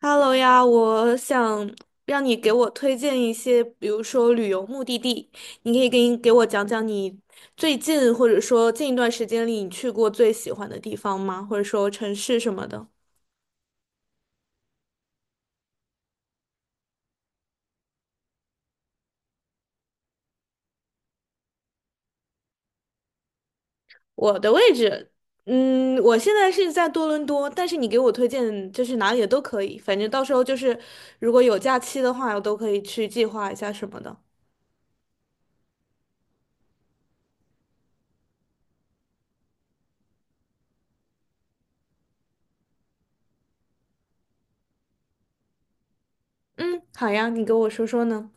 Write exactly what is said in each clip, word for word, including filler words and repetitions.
Hello 呀，我想让你给我推荐一些，比如说旅游目的地，你可以给给我讲讲你最近或者说近一段时间里你去过最喜欢的地方吗？或者说城市什么的。我的位置，嗯，我现在是在多伦多，但是你给我推荐就是哪里的都可以，反正到时候就是如果有假期的话，我都可以去计划一下什么的。嗯，好呀，你给我说说呢。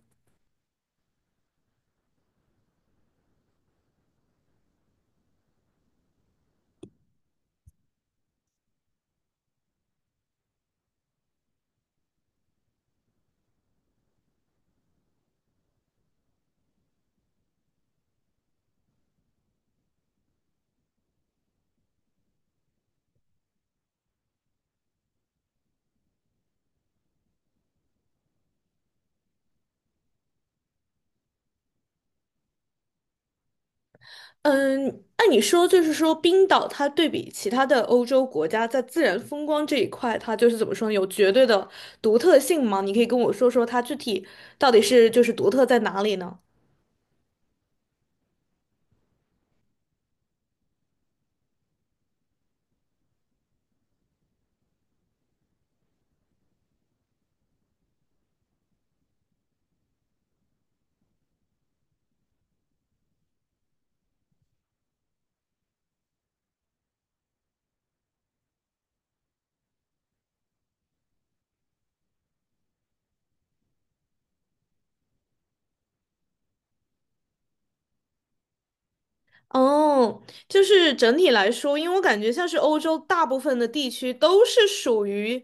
嗯，那你说，就是说冰岛它对比其他的欧洲国家，在自然风光这一块，它就是怎么说呢？有绝对的独特性吗？你可以跟我说说它具体到底是就是独特在哪里呢？哦，就是整体来说，因为我感觉像是欧洲大部分的地区都是属于，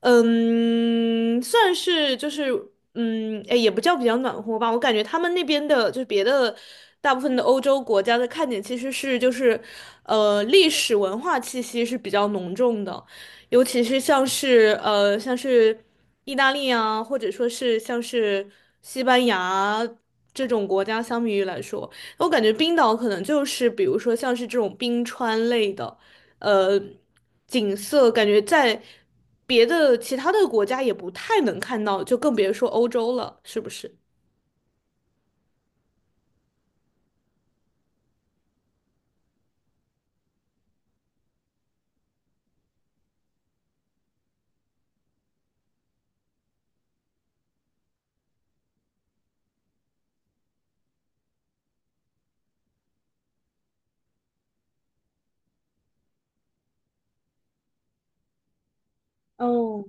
嗯，算是就是，嗯，哎，也不叫比较暖和吧。我感觉他们那边的，就是别的大部分的欧洲国家的看点其实是就是，呃，历史文化气息是比较浓重的，尤其是像是呃像是意大利啊，或者说是像是西班牙这种国家相比于来说。我感觉冰岛可能就是，比如说像是这种冰川类的，呃，景色，感觉在别的其他的国家也不太能看到，就更别说欧洲了，是不是？哦，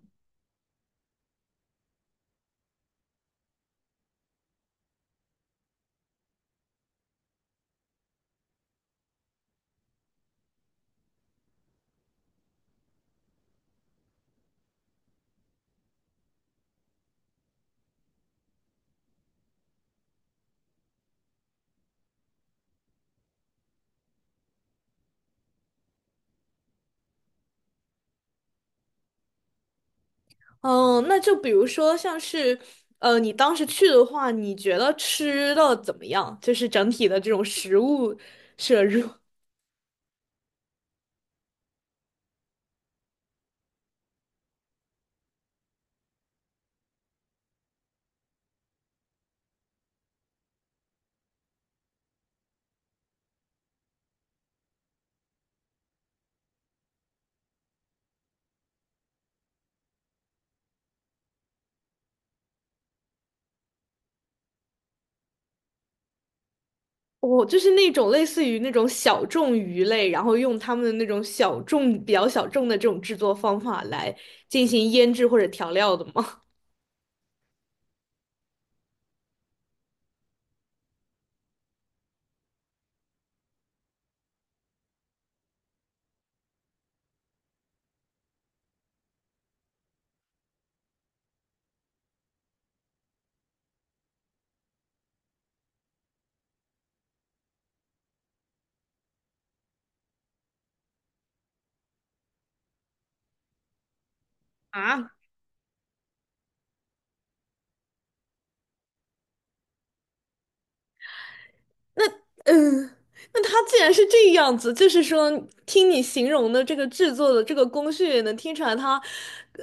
嗯，那就比如说像是，呃，你当时去的话，你觉得吃的怎么样？就是整体的这种食物摄入。我就是那种类似于那种小众鱼类，然后用他们的那种小众、比较小众的这种制作方法来进行腌制或者调料的吗？啊，那嗯，那它既然是这样子，就是说，听你形容的这个制作的这个工序，也能听出来它，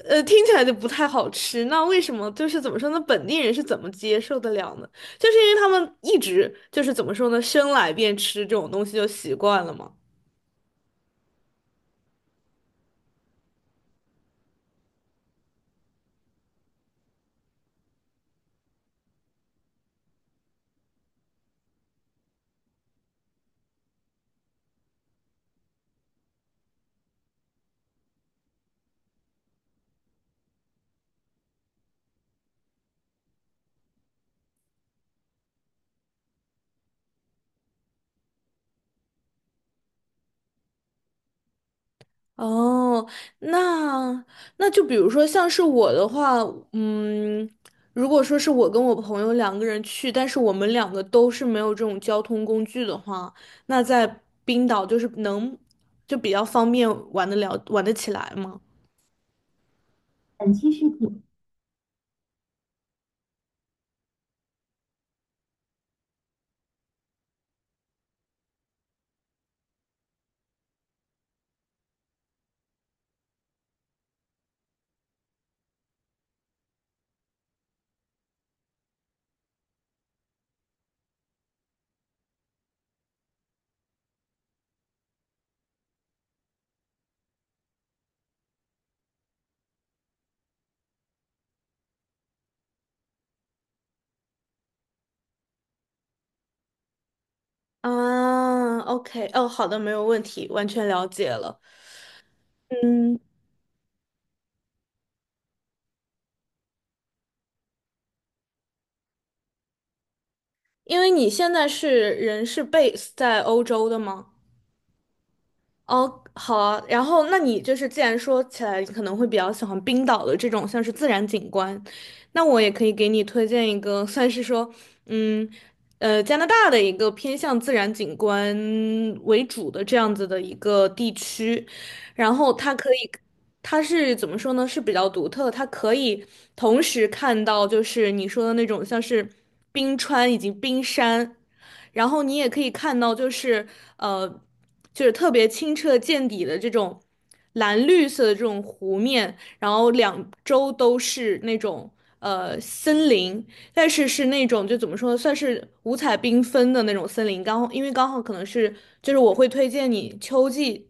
呃，听起来就不太好吃。那为什么就是怎么说呢？本地人是怎么接受得了呢？就是因为他们一直就是怎么说呢，生来便吃这种东西就习惯了嘛。哦，那那就比如说像是我的话，嗯，如果说是我跟我朋友两个人去，但是我们两个都是没有这种交通工具的话，那在冰岛就是能就比较方便玩得了，玩得起来吗？啊，OK，哦，好的，没有问题，完全了解了。嗯，因为你现在是人是 base 在欧洲的吗？哦，好啊。然后，那你就是既然说起来，你可能会比较喜欢冰岛的这种像是自然景观，那我也可以给你推荐一个，算是说，嗯，呃，加拿大的一个偏向自然景观为主的这样子的一个地区，然后它可以。它是怎么说呢？是比较独特，它可以同时看到就是你说的那种像是冰川以及冰山。然后你也可以看到，就是呃，就是特别清澈见底的这种蓝绿色的这种湖面，然后两周都是那种呃森林，但是是那种就怎么说，算是五彩缤纷的那种森林。刚好因为刚好可能是就是我会推荐你秋季，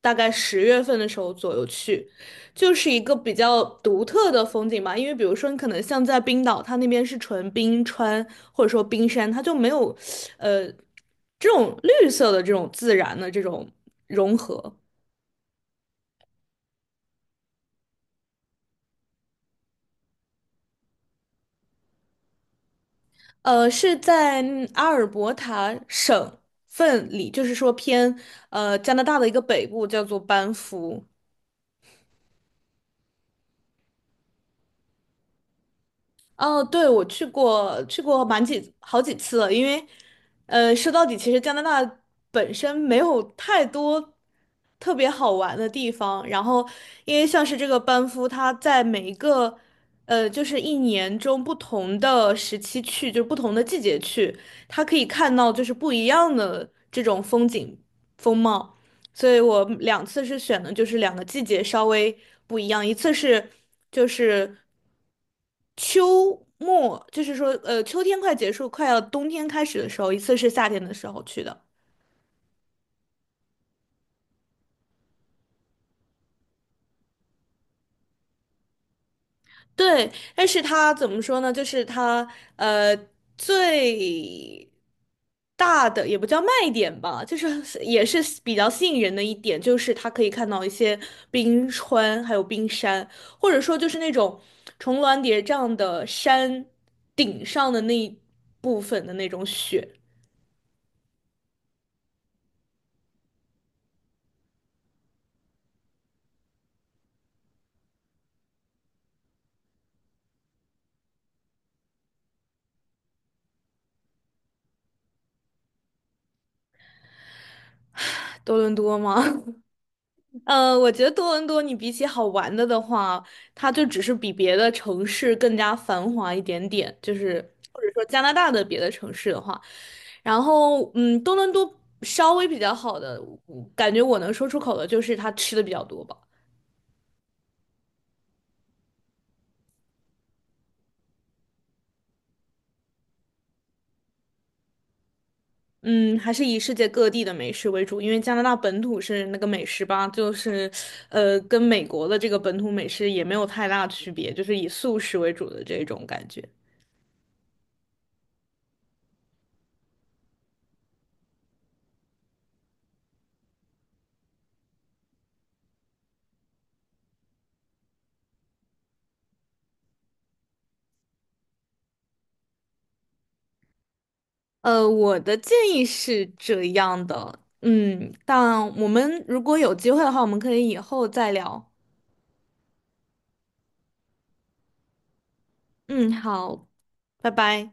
大概十月份的时候左右去。就是一个比较独特的风景吧，因为比如说你可能像在冰岛，它那边是纯冰川或者说冰山，它就没有，呃，这种绿色的这种自然的这种融合。呃，是在嗯阿尔伯塔省份里，就是说偏呃加拿大的一个北部，叫做班夫。哦，对，我去过，去过蛮几好几次了，因为，呃，说到底，其实加拿大本身没有太多特别好玩的地方。然后，因为像是这个班夫，它在每一个，呃，就是一年中不同的时期去，就是不同的季节去，它可以看到就是不一样的这种风景风貌。所以我两次是选的就是两个季节稍微不一样，一次是就是。秋末，就是说，呃，秋天快结束，快要冬天开始的时候，一次是夏天的时候去的。对，但是它怎么说呢？就是它，呃，最大的也不叫卖点吧，就是也是比较吸引人的一点，就是它可以看到一些冰川，还有冰山，或者说就是那种重峦叠嶂的山顶上的那一部分的那种雪。多伦多吗？呃，我觉得多伦多，你比起好玩的的话，它就只是比别的城市更加繁华一点点，就是或者说加拿大的别的城市的话，然后嗯，多伦多稍微比较好的，我感觉我能说出口的就是它吃的比较多吧，嗯，还是以世界各地的美食为主，因为加拿大本土是那个美食吧，就是呃，跟美国的这个本土美食也没有太大区别，就是以素食为主的这种感觉。呃，我的建议是这样的，嗯，但我们如果有机会的话，我们可以以后再聊。嗯，好，拜拜。